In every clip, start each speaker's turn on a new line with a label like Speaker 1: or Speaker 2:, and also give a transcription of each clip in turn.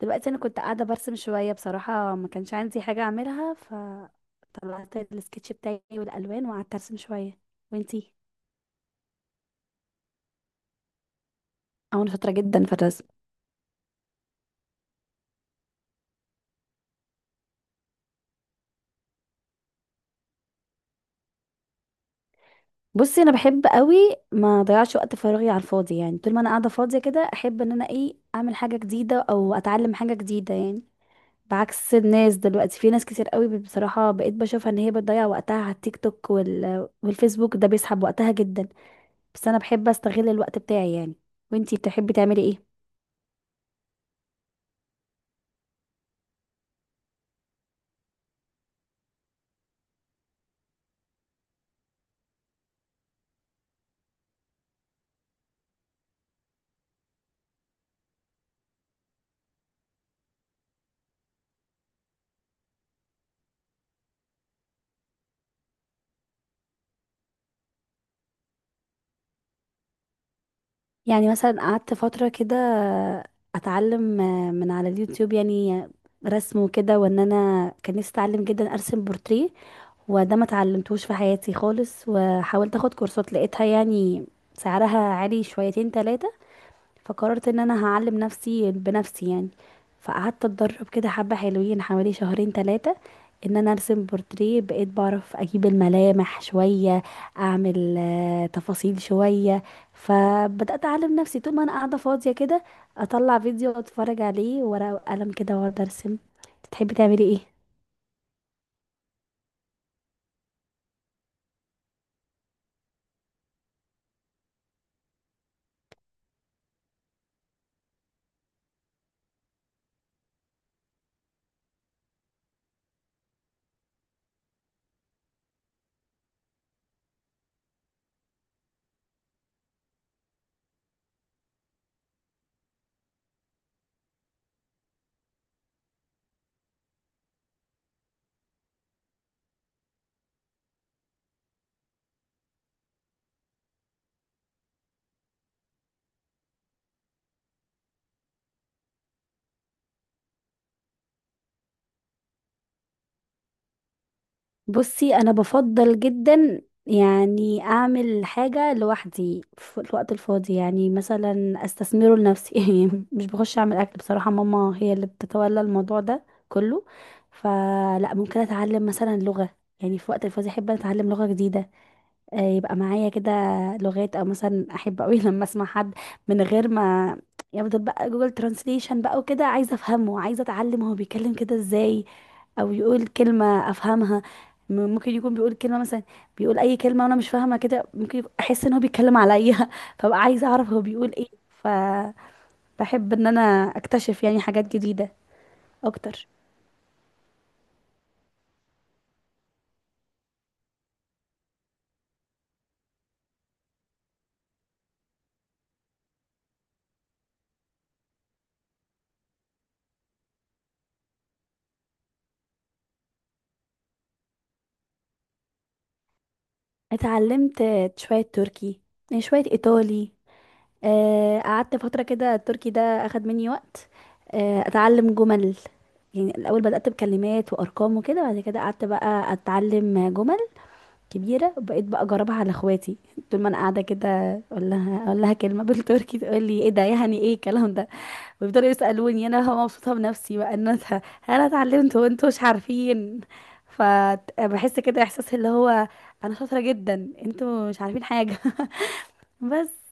Speaker 1: دلوقتي انا كنت قاعده برسم شويه، بصراحه ما كانش عندي حاجه اعملها، فطلعت السكتش بتاعي والالوان وقعدت ارسم شويه. وانتي؟ اه، انا شاطره جدا في الرسم. بصي، انا بحب قوي ما اضيعش وقت فراغي على الفاضي يعني. طول ما انا قاعده فاضيه كده احب ان انا، ايه، اعمل حاجه جديده او اتعلم حاجه جديده يعني. بعكس الناس دلوقتي، في ناس كتير قوي بصراحه بقيت بشوفها ان هي بتضيع وقتها على التيك توك والفيسبوك. ده بيسحب وقتها جدا. بس انا بحب استغل الوقت بتاعي يعني. وانتي بتحبي تعملي ايه؟ يعني مثلا قعدت فترة كده اتعلم من على اليوتيوب، يعني رسم وكده، وان انا كان نفسي اتعلم جدا ارسم بورتريه. وده ما اتعلمتوش في حياتي خالص، وحاولت اخد كورسات لقيتها يعني سعرها عالي شويتين تلاتة. فقررت ان انا هعلم نفسي بنفسي يعني. فقعدت اتدرب كده حبة حلوين حوالي شهرين ثلاثة ان انا ارسم بورتريه. بقيت بعرف اجيب الملامح شوية، اعمل تفاصيل شوية. فبدأت اعلم نفسي طول ما انا قاعدة فاضية كده، اطلع فيديو اتفرج عليه ورقة وقلم كده واقعد ارسم. تحبي تعملي ايه؟ بصي انا بفضل جدا يعني اعمل حاجه لوحدي في الوقت الفاضي، يعني مثلا استثمره لنفسي يعني مش بخش اعمل اكل بصراحه، ماما هي اللي بتتولى الموضوع ده كله. فلا، ممكن اتعلم مثلا لغه، يعني في وقت الفاضي احب اتعلم لغه جديده، يبقى معايا كده لغات. او مثلا احب قوي لما اسمع حد من غير ما يفضل بقى جوجل ترانسليشن بقى وكده، عايزه افهمه، عايزه اتعلم هو بيتكلم كده ازاي او يقول كلمة افهمها. ممكن يكون بيقول كلمة، مثلا بيقول اي كلمة وانا مش فاهمة كده، ممكن احس ان هو بيتكلم عليا فبقى عايزة اعرف هو بيقول ايه. فبحب ان انا اكتشف يعني حاجات جديدة اكتر. اتعلمت شوية تركي، شوية ايطالي. قعدت فترة كده التركي ده اخد مني وقت، اتعلم جمل. يعني الاول بدأت بكلمات وارقام وكده، بعد كده قعدت بقى اتعلم جمل كبيرة، بقيت بقى اجربها على اخواتي طول ما انا قاعدة كده. اقول لها كلمة بالتركي، تقول لي ايه ده، يعني ايه الكلام ده؟ ويفضلوا يسألوني، انا هبقى مبسوطة بنفسي بقى ان انا اتعلمت وانتوا مش عارفين. فبحس كده احساس اللي هو انا شاطرة جدا، انتوا مش عارفين حاجة بس.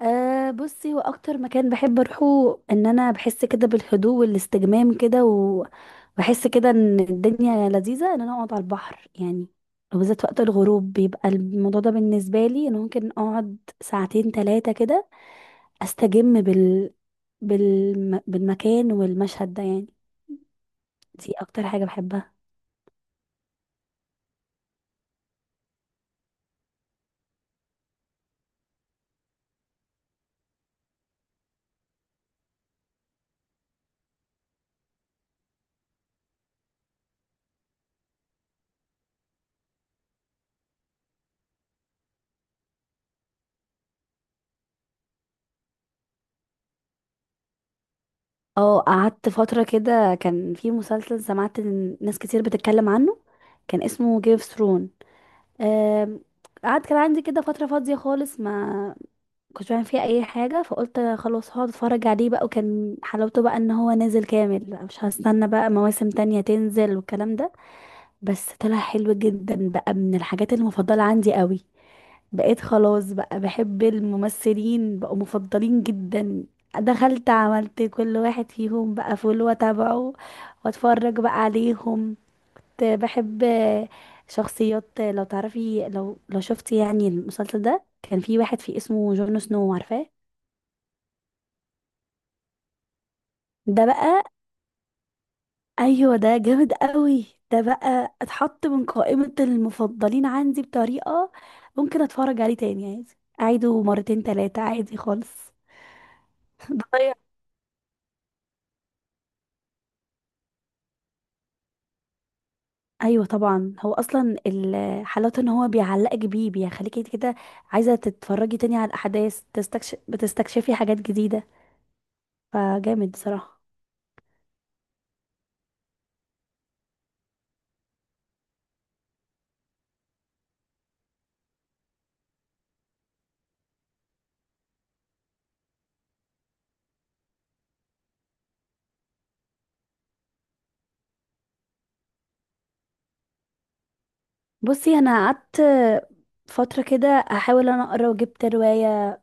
Speaker 1: أه، بصي هو اكتر مكان بحب اروحه ان انا بحس كده بالهدوء والاستجمام كده، وبحس كده ان الدنيا لذيذة، ان انا اقعد على البحر يعني. وبالذات وقت الغروب بيبقى الموضوع ده بالنسبة لي، انا ممكن اقعد ساعتين ثلاثة كده استجم بالمكان والمشهد ده يعني. دي اكتر حاجة بحبها. اه، قعدت فترة كده كان في مسلسل سمعت إن ناس كتير بتتكلم عنه، كان اسمه جيم اوف ثرون. آم، قعد كان عندي كده فترة فاضية خالص، ما كنتش بعمل فيها أي حاجة، فقلت خلاص هقعد اتفرج عليه بقى. وكان حلاوته بقى ان هو نازل كامل، مش هستنى بقى مواسم تانية تنزل والكلام ده. بس طلع حلو جدا بقى، من الحاجات المفضلة عندي قوي. بقيت خلاص بقى بحب الممثلين، بقوا مفضلين جدا. دخلت عملت كل واحد فيهم بقى فولو واتابعه واتفرج بقى عليهم. بحب شخصيات، لو تعرفي لو شفتي يعني المسلسل ده، كان في واحد فيه اسمه جون سنو، عارفاه؟ ده بقى، ايوه ده جامد قوي، ده بقى اتحط من قائمة المفضلين عندي بطريقة. ممكن اتفرج عليه تاني عادي، اعيده مرتين تلاتة عادي خالص بضيع. ايوه طبعا، هو اصلا حلاوته ان هو بيعلقك بيه، بيخليكي كده عايزه تتفرجي تاني على الاحداث، بتستكشفي حاجات جديده، فجامد بصراحه. بصي، انا قعدت فتره كده احاول انا اقرا، وجبت روايه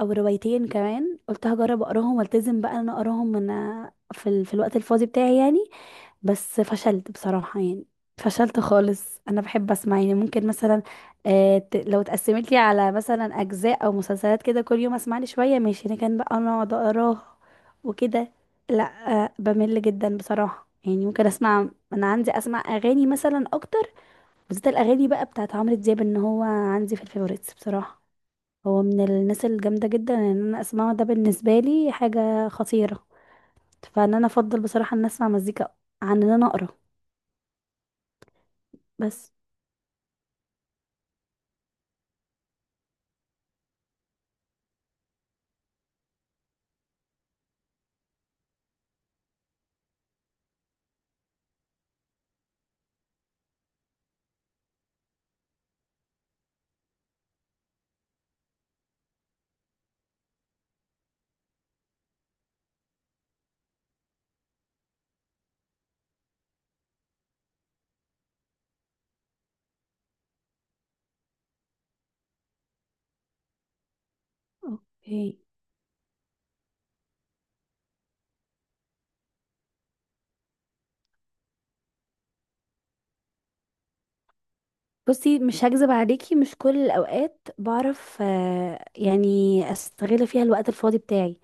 Speaker 1: او روايتين كمان قلت هجرب اقراهم والتزم بقى ان انا اقراهم في الوقت الفاضي بتاعي يعني. بس فشلت بصراحه يعني، فشلت خالص. انا بحب اسمع، يعني ممكن مثلا لو اتقسمت لي على مثلا اجزاء او مسلسلات كده كل يوم اسمع لي شويه ماشي، لكن بقى انا اقعد اقراها وكده، لا. بمل جدا بصراحه يعني. ممكن اسمع، انا عندي اسمع اغاني مثلا اكتر. بالذات الاغاني بقى بتاعت عمرو دياب، ان هو عندي في الفيفوريتس بصراحه. هو من الناس الجامده جدا ان انا اسمعه، ده بالنسبه لي حاجه خطيره. فان انا افضل بصراحه ان اسمع مزيكا عن ان انا اقرا بس. اوكي. بصي، مش هكذب عليكي، مش كل الاوقات بعرف يعني استغل فيها الوقت الفاضي بتاعي.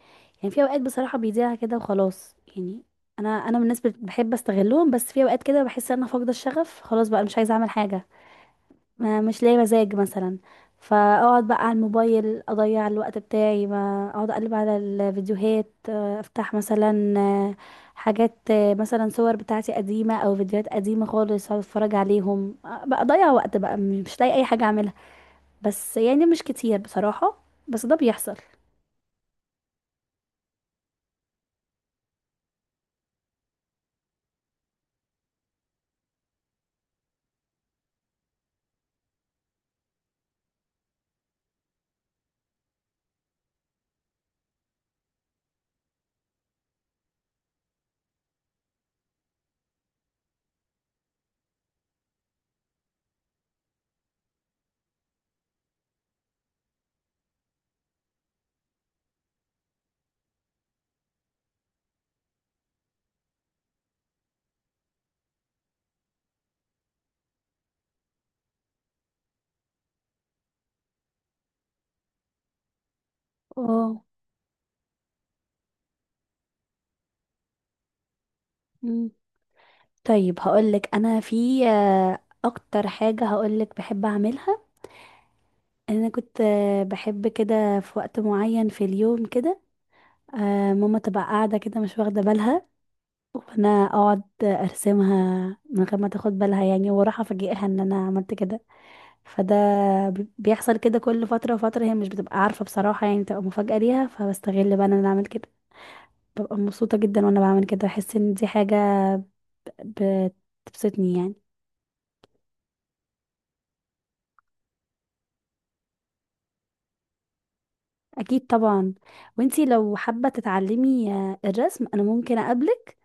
Speaker 1: يعني في اوقات بصراحه بيضيع كده وخلاص يعني. انا من الناس بحب استغلهم، بس في اوقات كده بحس ان انا فاقده الشغف خلاص بقى مش عايزه اعمل حاجه. ما مش لاقي مزاج مثلا. فاقعد بقى على الموبايل اضيع الوقت بتاعي، ما اقعد اقلب على الفيديوهات، افتح مثلا حاجات، مثلا صور بتاعتي قديمة او فيديوهات قديمة خالص، اقعد اتفرج عليهم، بقى اضيع وقت بقى مش لاقي اي حاجة اعملها. بس يعني مش كتير بصراحة، بس ده بيحصل. اه. مم. طيب، هقولك انا في اكتر حاجة هقولك بحب اعملها. انا كنت بحب كده في وقت معين في اليوم كده. ماما تبقى قاعدة كده مش واخدة بالها، وانا اقعد ارسمها من غير ما تاخد بالها يعني، واروح افاجئها ان انا عملت كده. فده بيحصل كده كل فترة وفترة، هي مش بتبقى عارفة بصراحة يعني، بتبقى مفاجأة ليها، فبستغل بقى ان انا اعمل كده. ببقى مبسوطة جدا وانا بعمل كده، بحس ان دي حاجة بتبسطني يعني. اكيد طبعا. وانتي لو حابة تتعلمي الرسم، انا ممكن اقابلك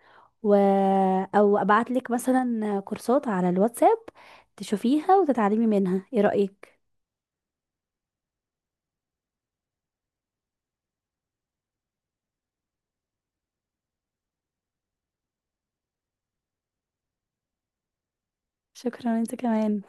Speaker 1: و... او ابعتلك مثلا كورسات على الواتساب تشوفيها وتتعلمي منها. ايه رأيك؟ شكرا، انت كمان.